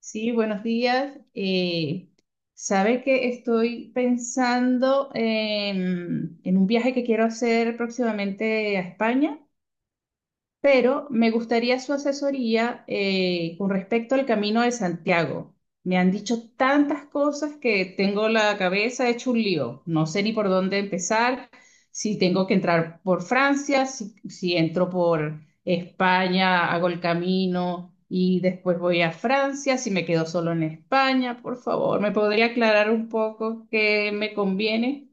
Sí, buenos días. Sabe que estoy pensando en un viaje que quiero hacer próximamente a España, pero me gustaría su asesoría con respecto al Camino de Santiago. Me han dicho tantas cosas que tengo la cabeza hecho un lío. No sé ni por dónde empezar, si tengo que entrar por Francia, si entro por España, hago el camino y después voy a Francia, si me quedo solo en España. Por favor, ¿me podría aclarar un poco qué me conviene?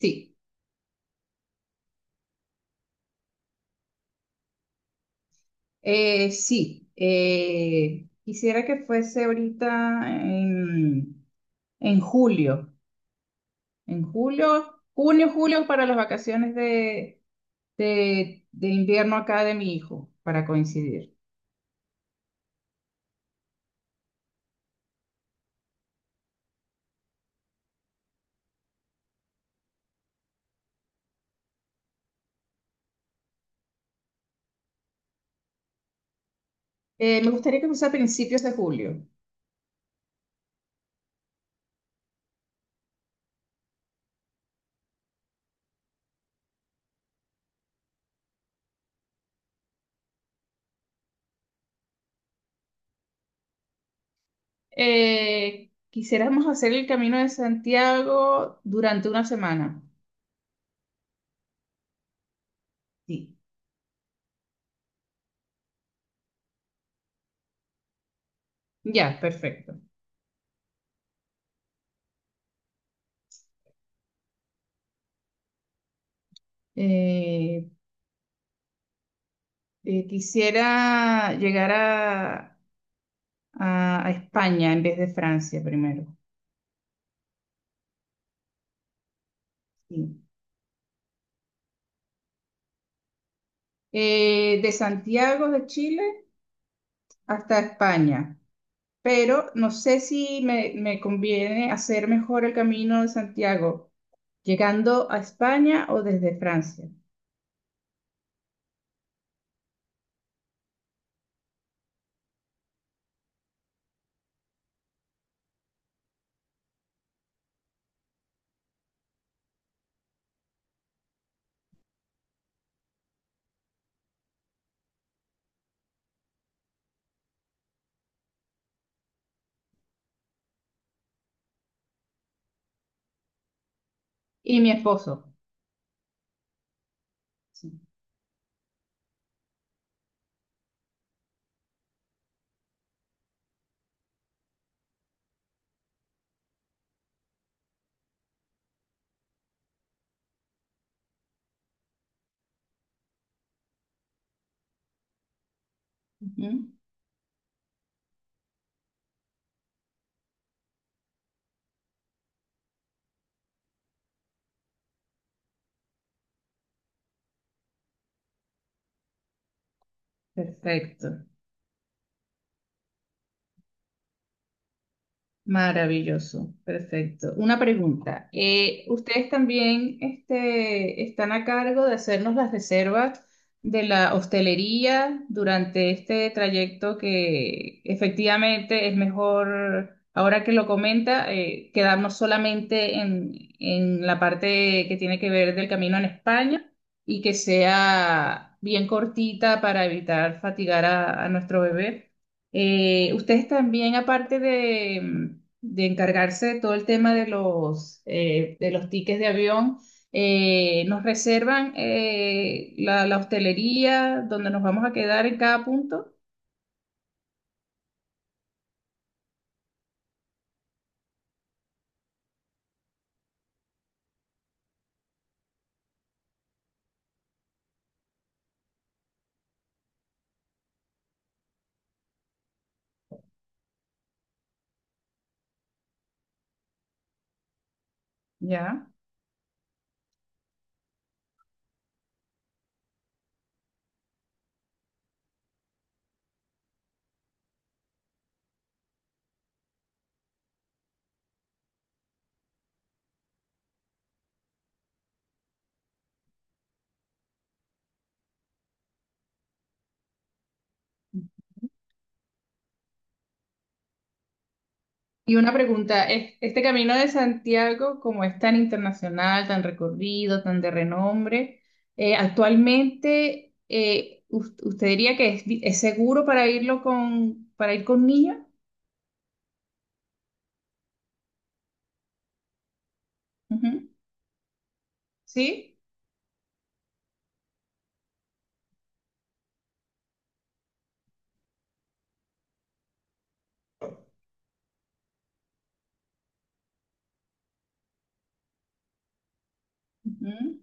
Sí. Sí, quisiera que fuese ahorita en julio, en julio, junio, julio para las vacaciones de invierno acá de mi hijo, para coincidir. Me gustaría que fuese a principios de julio. Quisiéramos hacer el Camino de Santiago durante una semana. Sí, ya, perfecto. Eh, Quisiera llegar a a España en vez de Francia primero. Sí. De Santiago de Chile hasta España, pero no sé si me conviene hacer mejor el Camino de Santiago, llegando a España o desde Francia. Y mi esposo. Sí. Ujú. Perfecto. Maravilloso, perfecto. Una pregunta. ¿Ustedes también este, están a cargo de hacernos las reservas de la hostelería durante este trayecto que efectivamente es mejor, ahora que lo comenta, quedarnos solamente en la parte que tiene que ver del camino en España y que sea bien cortita para evitar fatigar a nuestro bebé? Ustedes también, aparte de, de encargarse de todo el tema de los tickets de avión, nos reservan la hostelería donde nos vamos a quedar en cada punto. Ya. Y una pregunta, este Camino de Santiago, como es tan internacional, tan recorrido, tan de renombre, actualmente, ¿usted diría que es seguro para irlo con, para ir con niños? Ujú. ¿Sí? Ujú.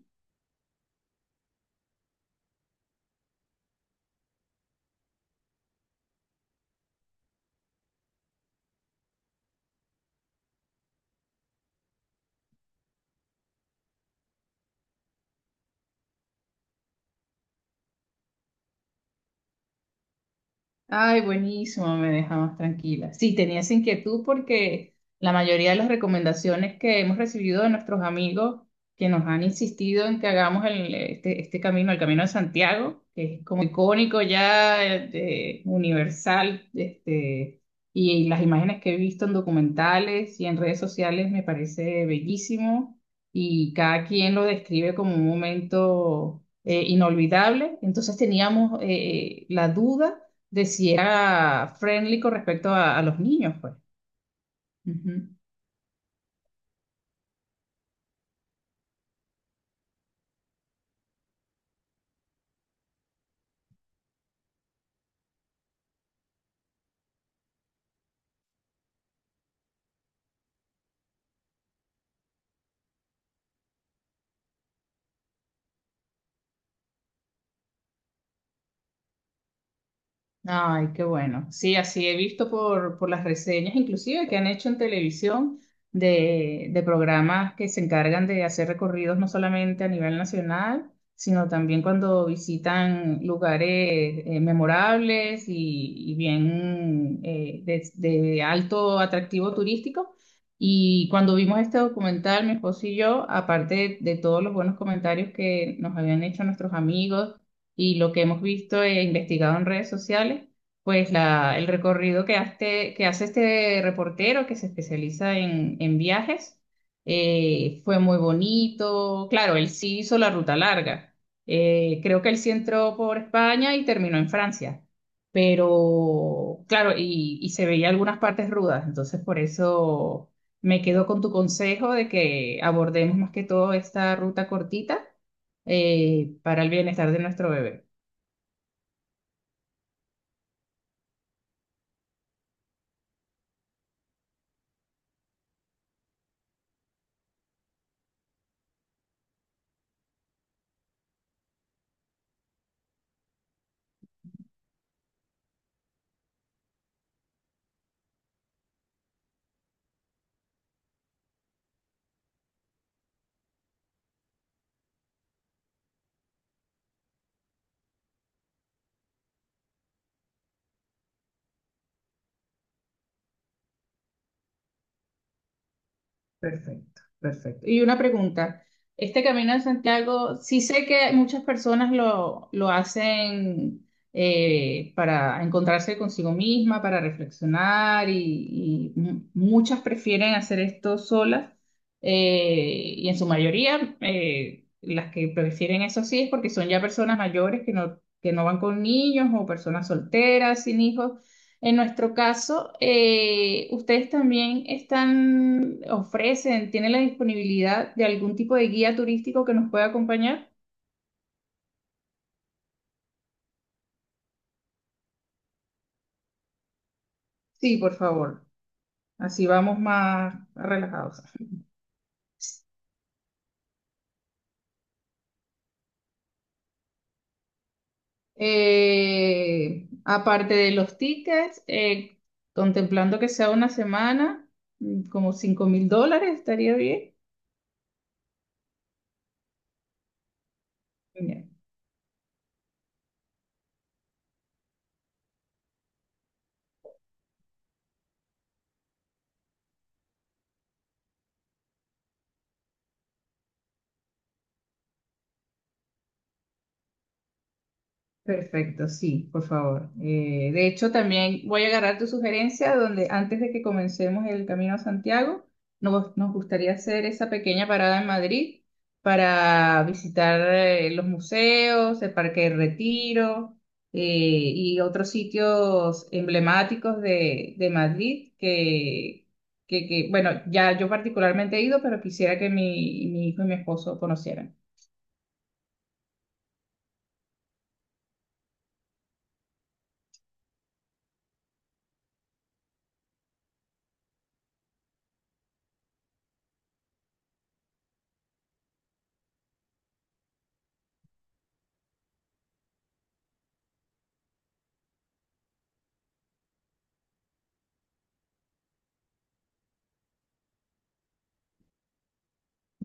Ay, buenísimo, me deja más tranquila. Sí, tenía esa inquietud porque la mayoría de las recomendaciones que hemos recibido de nuestros amigos que nos han insistido en que hagamos este, este camino, el Camino de Santiago, que es como icónico ya, universal, este, y las imágenes que he visto en documentales y en redes sociales me parece bellísimo y cada quien lo describe como un momento inolvidable. Entonces teníamos la duda de si era friendly con respecto a los niños, pues. Ujú. Ay, qué bueno. Sí, así he visto por las reseñas, inclusive que han hecho en televisión de programas que se encargan de hacer recorridos no solamente a nivel nacional, sino también cuando visitan lugares memorables y bien de alto atractivo turístico. Y cuando vimos este documental, mi esposo y yo, aparte de todos los buenos comentarios que nos habían hecho nuestros amigos, y lo que hemos visto e investigado en redes sociales, pues el recorrido que hace este reportero que se especializa en viajes fue muy bonito. Claro, él sí hizo la ruta larga. Creo que él sí entró por España y terminó en Francia. Pero, claro, y se veía algunas partes rudas, entonces por eso me quedo con tu consejo de que abordemos más que todo esta ruta cortita para el bienestar de nuestro bebé. Perfecto, perfecto. Y una pregunta, este Camino de Santiago, sí sé que muchas personas lo hacen para encontrarse consigo misma, para reflexionar y, muchas prefieren hacer esto solas, y en su mayoría las que prefieren eso sí es porque son ya personas mayores que no van con niños o personas solteras sin hijos en nuestro caso. ¿Ustedes también están, ofrecen, tienen la disponibilidad de algún tipo de guía turístico que nos pueda acompañar? Sí, por favor. Así vamos más relajados. Aparte de los tickets, contemplando que sea una semana, mm, como 5.000 dólares, estaría bien. Perfecto, sí, por favor. De hecho, también voy a agarrar tu sugerencia donde antes de que comencemos el camino a Santiago, nos gustaría hacer esa pequeña parada en Madrid para visitar los museos, el Parque del Retiro, eh, y otros sitios emblemáticos de Madrid que, bueno, ya yo particularmente he ido, pero quisiera que mi hijo y mi esposo conocieran.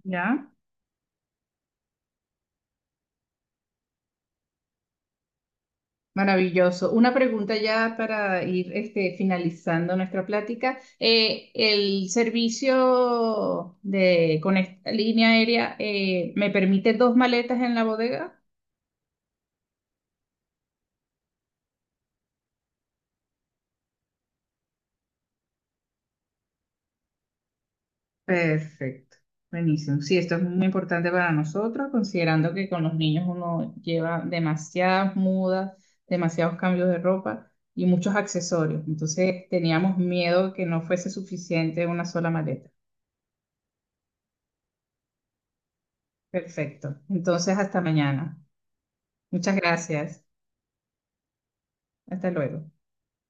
¿Ya? Maravilloso. Una pregunta ya para ir este, finalizando nuestra plática. El servicio de, con esta línea aérea me permite dos maletas en la bodega. Perfecto. Buenísimo. Sí, esto es muy importante para nosotros, considerando que con los niños uno lleva demasiadas mudas, demasiados cambios de ropa y muchos accesorios. Entonces teníamos miedo que no fuese suficiente una sola maleta. Perfecto. Entonces, hasta mañana. Muchas gracias. Hasta luego.